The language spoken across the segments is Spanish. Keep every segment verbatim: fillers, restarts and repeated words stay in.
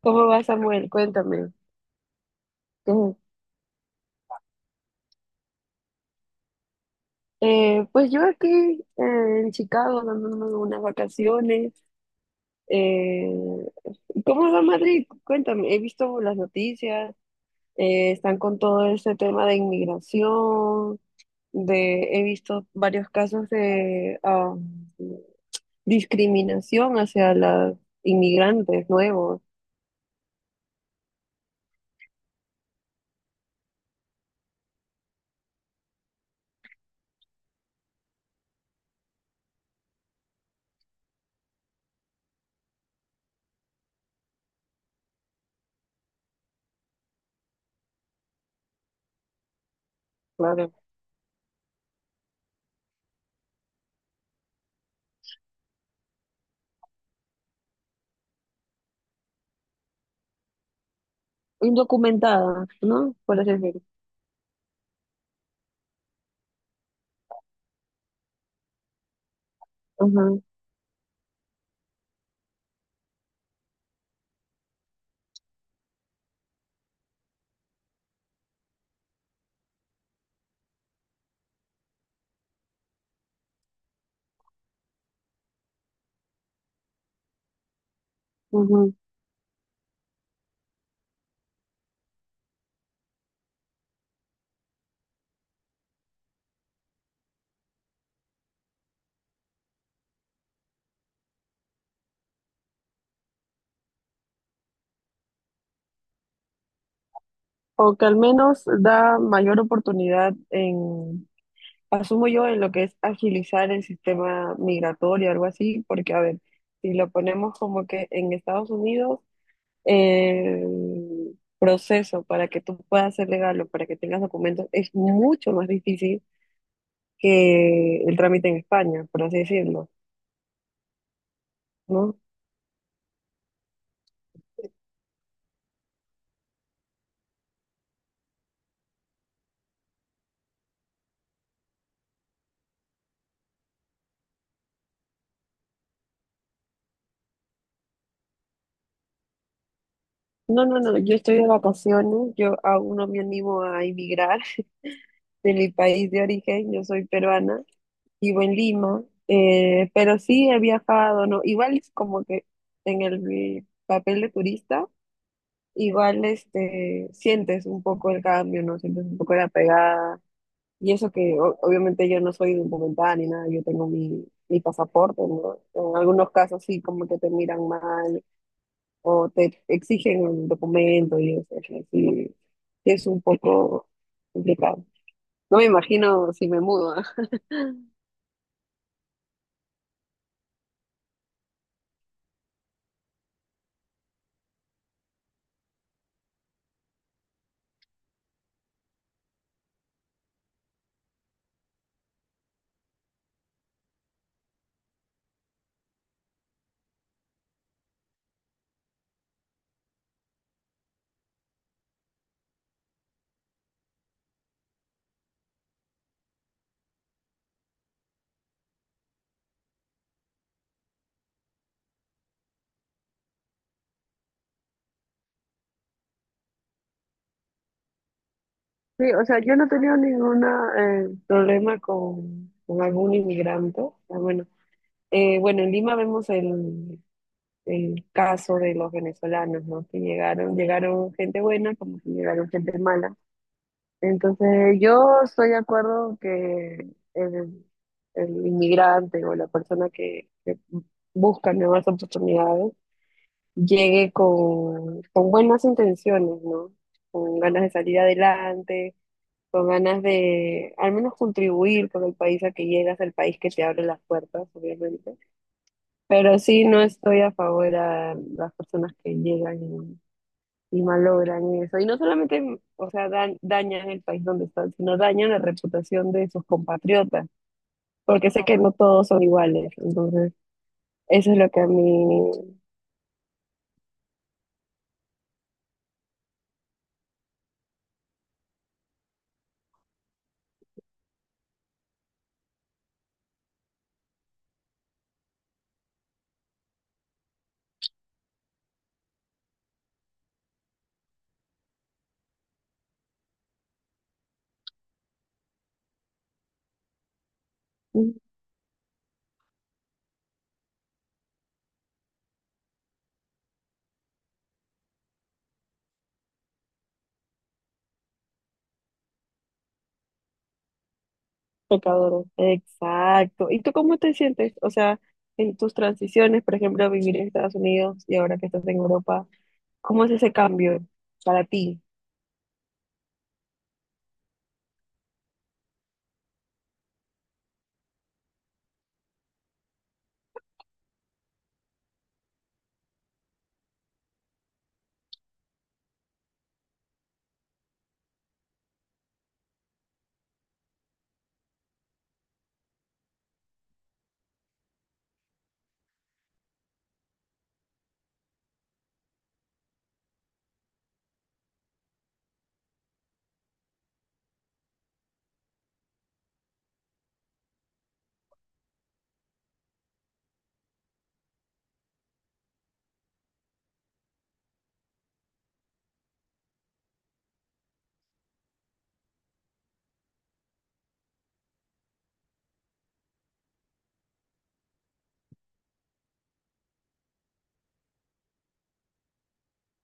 ¿Cómo va, Samuel? Cuéntame. Ujú. Eh, pues yo aquí eh, en Chicago dándome unas vacaciones. Eh, ¿cómo va Madrid? Cuéntame. He visto las noticias. Eh, están con todo ese tema de inmigración. De, he visto varios casos de ah, discriminación hacia los inmigrantes nuevos, claro, indocumentadas, ¿no? Por así decirlo. Ajá, ujú. O que al menos da mayor oportunidad en, asumo yo, en lo que es agilizar el sistema migratorio, algo así, porque a ver, si lo ponemos como que en Estados Unidos, el proceso para que tú puedas ser legal o para que tengas documentos es mucho más difícil que el trámite en España, por así decirlo, ¿no? No, no, no, yo estoy de vacaciones, yo aún no me animo a emigrar de mi país de origen. Yo soy peruana, vivo en Lima, eh, pero sí he viajado, ¿no? Igual es como que en el papel de turista, igual este, sientes un poco el cambio, ¿no? Sientes un poco la pegada. Y eso que o- obviamente yo no soy documentada ni nada, yo tengo mi, mi pasaporte, ¿no? En algunos casos sí, como que te miran mal o te exigen un documento y eso, o sea, sí, sí es un poco complicado. No me imagino si me mudo, ¿ah? Sí, o sea, yo no he tenido ningún eh, problema con, con algún inmigrante. O sea, bueno, eh, bueno, en Lima vemos el, el caso de los venezolanos, ¿no? Que llegaron, llegaron gente buena como que llegaron gente mala. Entonces, yo estoy de acuerdo que el, el inmigrante o la persona que, que busca nuevas oportunidades llegue con, con buenas intenciones, ¿no? Con ganas de salir adelante, con ganas de al menos contribuir con el país a que llegas, al país que te abre las puertas, obviamente. Pero sí, no estoy a favor a las personas que llegan y, y malogran eso. Y no solamente, o sea, dan- dañan el país donde están, sino dañan la reputación de sus compatriotas, porque sé que no todos son iguales. Entonces, eso es lo que a mí... mm, pecadores. Exacto. ¿Y tú cómo te sientes? O sea, en tus transiciones, por ejemplo, vivir en Estados Unidos y ahora que estás en Europa, ¿cómo es ese cambio para ti?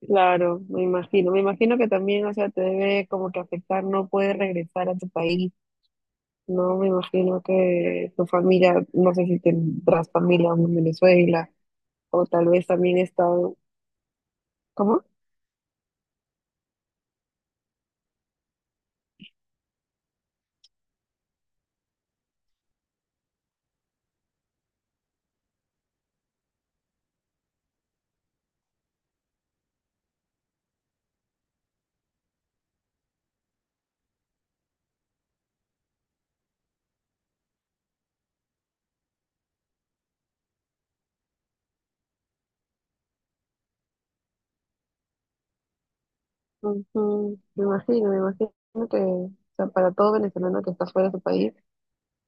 Claro, me imagino. Me imagino que también, o sea, te debe como que afectar, no puedes regresar a tu país, ¿no? Me imagino que tu familia, no sé si tendrás familia aún en Venezuela, o tal vez también está... ¿Cómo? Ujú, me imagino, me imagino que, o sea, para todo venezolano que está fuera de su país,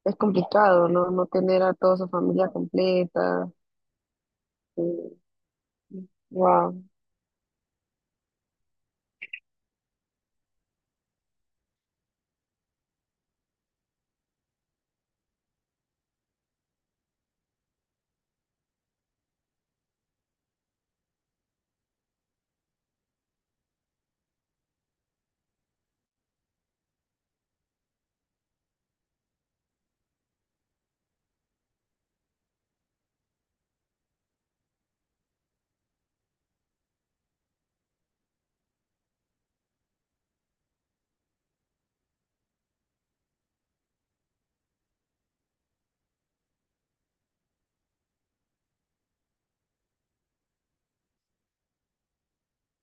es complicado, ¿no? No tener a toda su familia completa. Wow.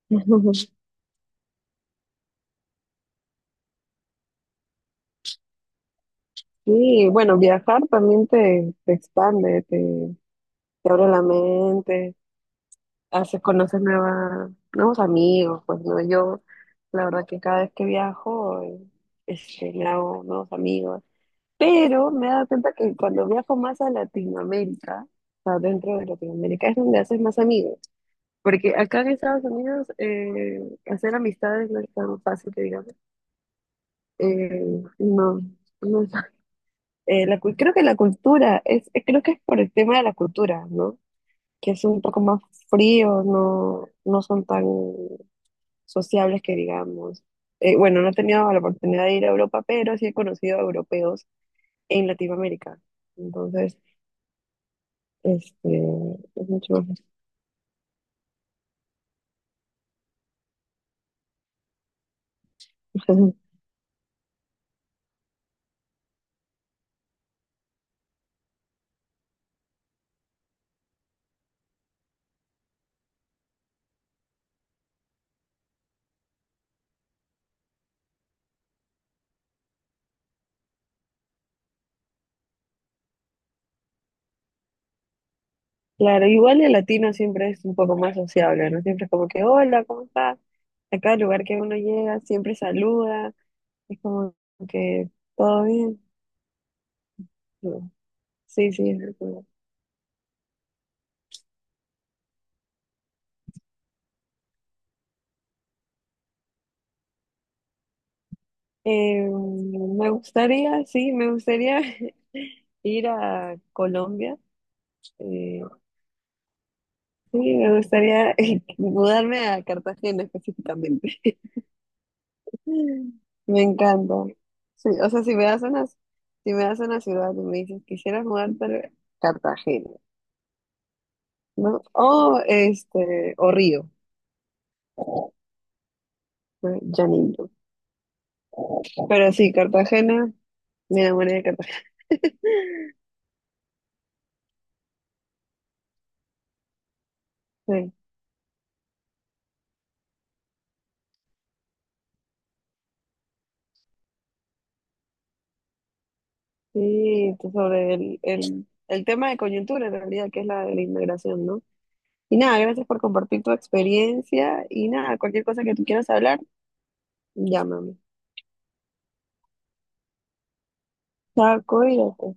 Sí, bueno, viajar también te, te expande, te, te abre la mente, haces, conoces nueva- nuevos amigos, pues no, yo la verdad que cada vez que viajo, eh, este, me hago nuevos amigos, pero me he dado cuenta que cuando viajo más a Latinoamérica, o sea, dentro de Latinoamérica es donde haces más amigos, porque acá en Estados Unidos eh, hacer amistades no es tan fácil que digamos. Eh, no, no es- eh, la, cu- creo que la cultura, es, creo que es por el tema de la cultura, ¿no? Que son un poco más fríos, no, no son tan sociables que digamos. Eh, bueno, no he tenido la oportunidad de ir a Europa, pero sí he conocido a europeos en Latinoamérica. Entonces, este, es mucho más fácil. Claro, igual el latino siempre es un poco más sociable, ¿no? Siempre es como que, hola, ¿cómo estás? A cada lugar que uno llega, siempre saluda, es como que, ¿todo bien? No. Sí, sí, es verdad. Eh, me gustaría, sí, me gustaría ir a Colombia. Eh, sí, me gustaría mudarme a Cartagena específicamente. Me encanta. Sí, o sea, si me das una, si me das una ciudad y me dices, quisieras mudarte a Cartagena, ¿no? O este, o Río, ¿no? Llanito. Pero sí, Cartagena, me enamoré de Cartagena. Sí, sobre el, el, el tema de coyuntura en realidad, que es la de la inmigración, ¿no? Y nada, gracias por compartir tu experiencia y nada, cualquier cosa que tú quieras hablar, llámame. Chao, cuídate.